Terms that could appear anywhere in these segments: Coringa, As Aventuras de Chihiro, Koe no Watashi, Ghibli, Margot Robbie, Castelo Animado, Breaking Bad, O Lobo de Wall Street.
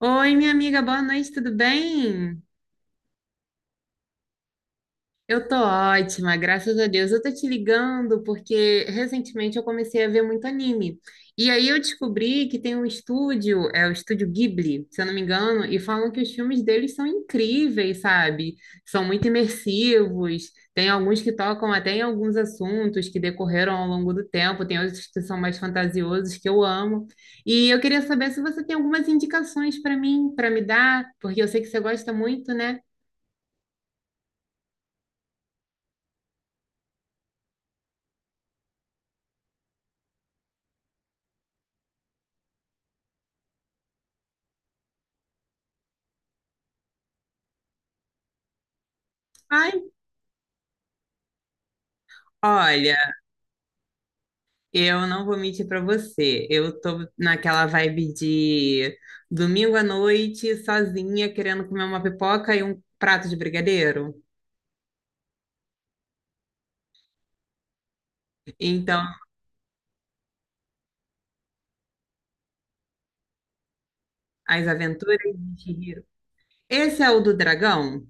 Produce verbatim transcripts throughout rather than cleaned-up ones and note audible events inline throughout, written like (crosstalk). Oi, minha amiga, boa noite, tudo bem? Eu tô ótima, graças a Deus. Eu tô te ligando porque recentemente eu comecei a ver muito anime. E aí eu descobri que tem um estúdio, é o estúdio Ghibli, se eu não me engano, e falam que os filmes deles são incríveis, sabe? São muito imersivos. Tem alguns que tocam até em alguns assuntos que decorreram ao longo do tempo, tem outros que são mais fantasiosos que eu amo. E eu queria saber se você tem algumas indicações para mim, para me dar, porque eu sei que você gosta muito, né? Ai, olha, eu não vou mentir pra você. Eu tô naquela vibe de domingo à noite, sozinha, querendo comer uma pipoca e um prato de brigadeiro. Então, As Aventuras de Chihiro. Esse é o do dragão?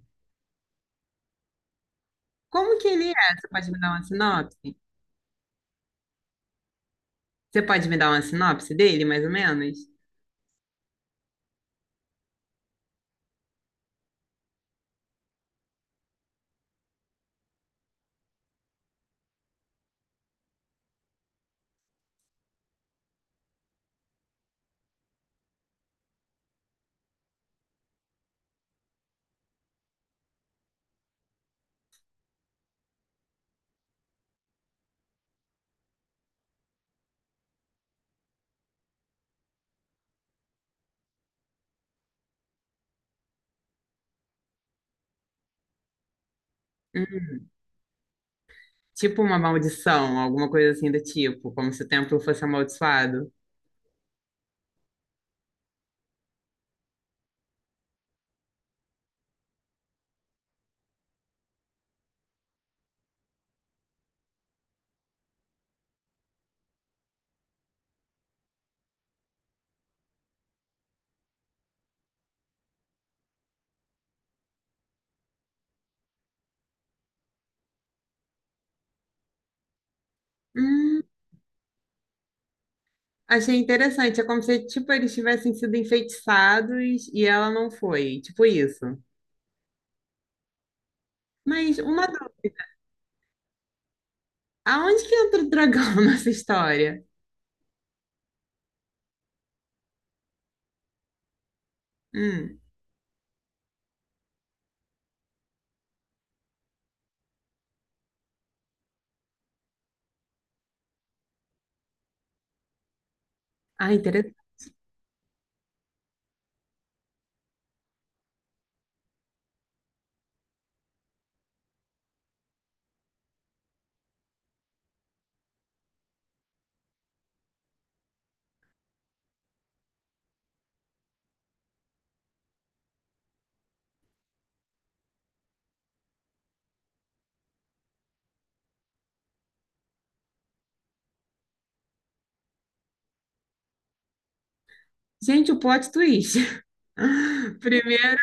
Como que ele é? Você pode me dar uma sinopse? Você pode me dar uma sinopse dele, mais ou menos? Hum, tipo uma maldição, alguma coisa assim do tipo, como se o templo fosse amaldiçoado. Hum. Achei interessante, é como se, tipo, eles tivessem sido enfeitiçados e ela não foi, tipo isso. Mas uma dúvida, aonde que entra o dragão (laughs) nessa história? Hum. Ah, interessante. Gente, o plot twist. (laughs) Primeiro,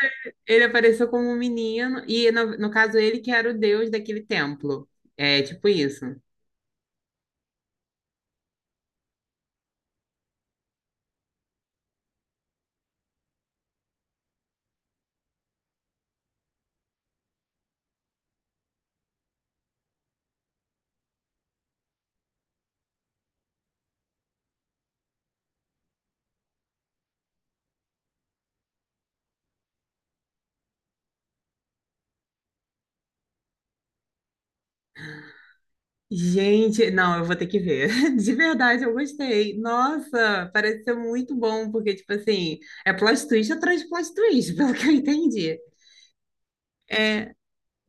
ele apareceu como um menino e, no, no caso, ele que era o deus daquele templo. É, tipo isso. Gente, não, eu vou ter que ver. (laughs) De verdade, eu gostei. Nossa, parece ser muito bom, porque, tipo assim, é plot twist atrás de plot twist, (laughs) pelo que eu entendi.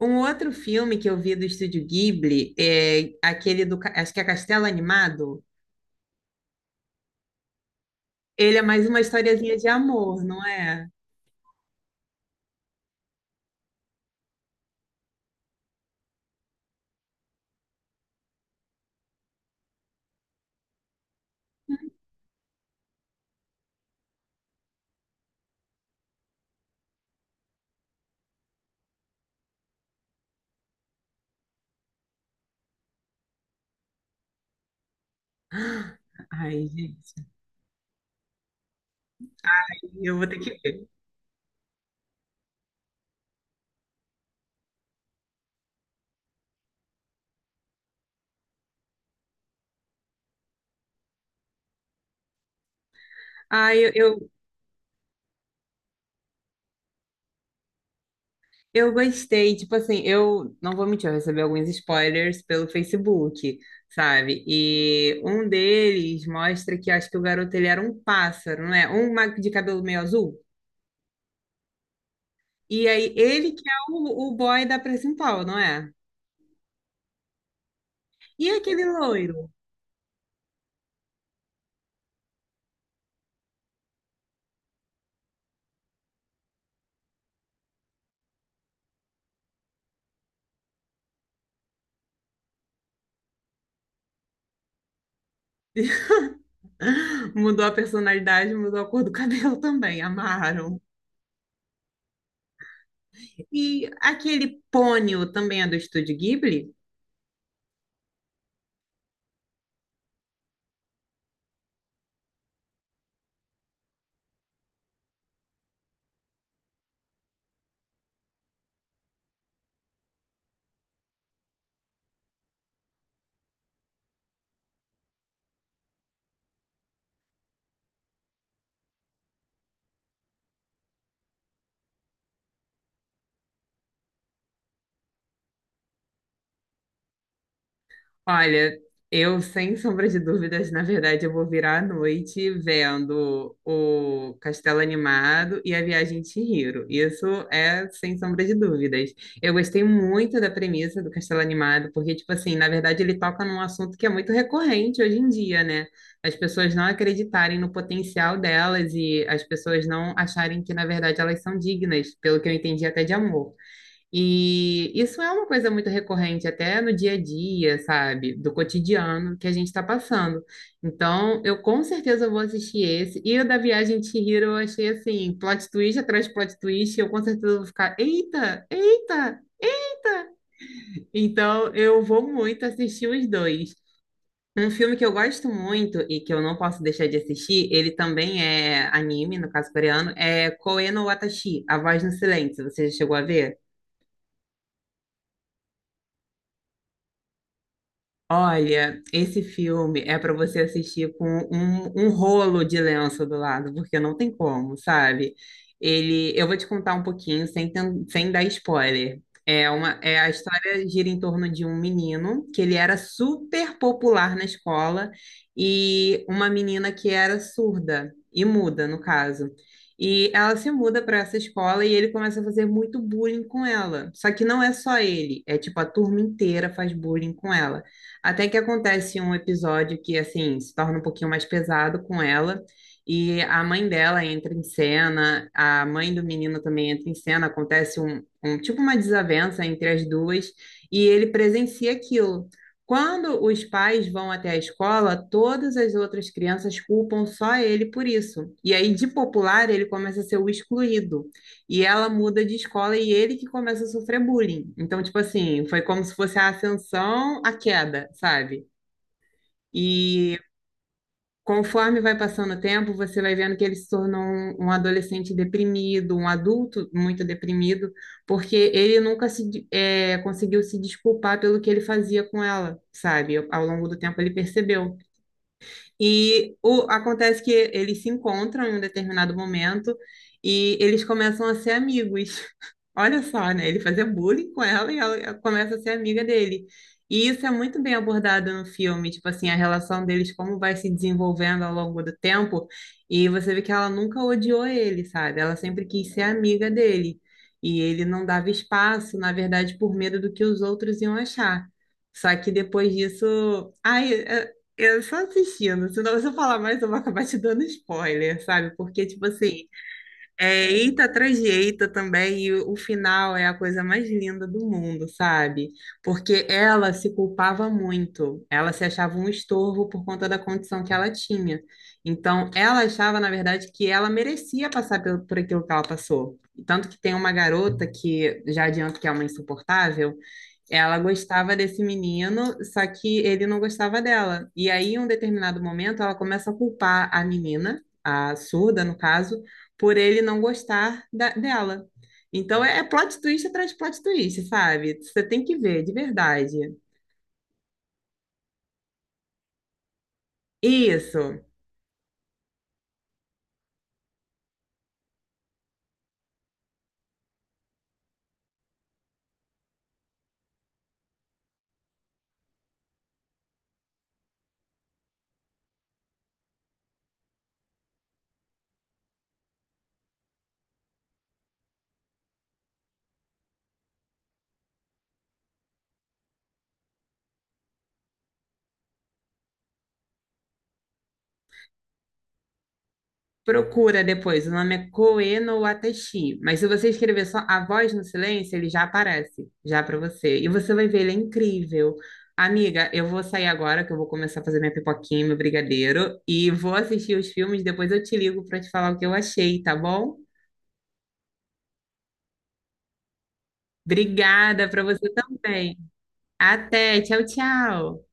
Um outro filme que eu vi do Estúdio Ghibli é aquele do, ca- acho que é Castelo Animado. Ele é mais uma historiazinha de amor, não é? Ai, gente, eu vou ter que ver. Ai, eu, eu, eu gostei. Tipo assim, eu não vou mentir, eu recebi alguns spoilers pelo Facebook, sabe? E um deles mostra que acho que o garoto ele era um pássaro, não é? Um mago de cabelo meio azul. E aí, ele que é o, o boy da principal, não é? E aquele loiro? (laughs) Mudou a personalidade, mudou a cor do (laughs) cabelo também, amaram. E aquele pônio também é do Estúdio Ghibli? Olha, eu sem sombra de dúvidas, na verdade, eu vou virar à noite vendo o Castelo Animado e a Viagem de Chihiro. Isso é sem sombra de dúvidas. Eu gostei muito da premissa do Castelo Animado, porque, tipo assim, na verdade ele toca num assunto que é muito recorrente hoje em dia, né? As pessoas não acreditarem no potencial delas e as pessoas não acharem que, na verdade, elas são dignas, pelo que eu entendi até de amor. E isso é uma coisa muito recorrente até no dia a dia, sabe? Do cotidiano que a gente está passando. Então, eu com certeza vou assistir esse. E o da Viagem de Chihiro eu achei assim, plot twist atrás de plot twist, eu com certeza vou ficar, eita, eita, eita! Então, eu vou muito assistir os dois. Um filme que eu gosto muito e que eu não posso deixar de assistir, ele também é anime, no caso coreano, é Koe no Watashi, A Voz no Silêncio. Você já chegou a ver? Olha, esse filme é para você assistir com um, um rolo de lenço do lado, porque não tem como, sabe? Ele, eu vou te contar um pouquinho sem, ten- sem dar spoiler. É uma, é a história gira em torno de um menino que ele era super popular na escola e uma menina que era surda e muda, no caso. E ela se muda para essa escola e ele começa a fazer muito bullying com ela. Só que não é só ele, é tipo a turma inteira faz bullying com ela. Até que acontece um episódio que, assim, se torna um pouquinho mais pesado com ela. E a mãe dela entra em cena, a mãe do menino também entra em cena, acontece um, um tipo uma desavença entre as duas, e ele presencia aquilo. Quando os pais vão até a escola, todas as outras crianças culpam só ele por isso. E aí, de popular, ele começa a ser o excluído. E ela muda de escola e ele que começa a sofrer bullying. Então, tipo assim, foi como se fosse a ascensão, a queda, sabe? E conforme vai passando o tempo, você vai vendo que ele se tornou um, um adolescente deprimido, um adulto muito deprimido, porque ele nunca se, de- eh, conseguiu se desculpar pelo que ele fazia com ela, sabe? Ao longo do tempo ele percebeu. E o, acontece que eles se encontram em um determinado momento e eles começam a ser amigos. (laughs) Olha só, né? Ele fazia bullying com ela e ela começa a ser amiga dele. E isso é muito bem abordado no filme, tipo assim, a relação deles, como vai se desenvolvendo ao longo do tempo. E você vê que ela nunca odiou ele, sabe? Ela sempre quis ser amiga dele. E ele não dava espaço, na verdade, por medo do que os outros iam achar. Só que depois disso, ai, é, eu só assistindo, senão se eu falar mais eu vou acabar te dando spoiler, sabe? Porque, tipo assim, é eita atrás de eita também, e o final é a coisa mais linda do mundo, sabe? Porque ela se culpava muito, ela se achava um estorvo por conta da condição que ela tinha. Então, ela achava, na verdade, que ela merecia passar pelo- por aquilo que ela passou. Tanto que tem uma garota que, já adianto que é uma insuportável, ela gostava desse menino, só que ele não gostava dela. E aí, em um determinado momento, ela começa a culpar a menina, a surda, no caso, por ele não gostar da- dela. Então, é é plot twist atrás de plot twist, sabe? Você tem que ver, de verdade. Isso. Procura depois, o nome é Koe no Watashi, mas se você escrever só A Voz no Silêncio, ele já aparece, já para você. E você vai ver, ele é incrível. Amiga, eu vou sair agora que eu vou começar a fazer minha pipoquinha, meu brigadeiro, e vou assistir os filmes, depois eu te ligo para te falar o que eu achei, tá bom? Obrigada para você também. Até, tchau, tchau.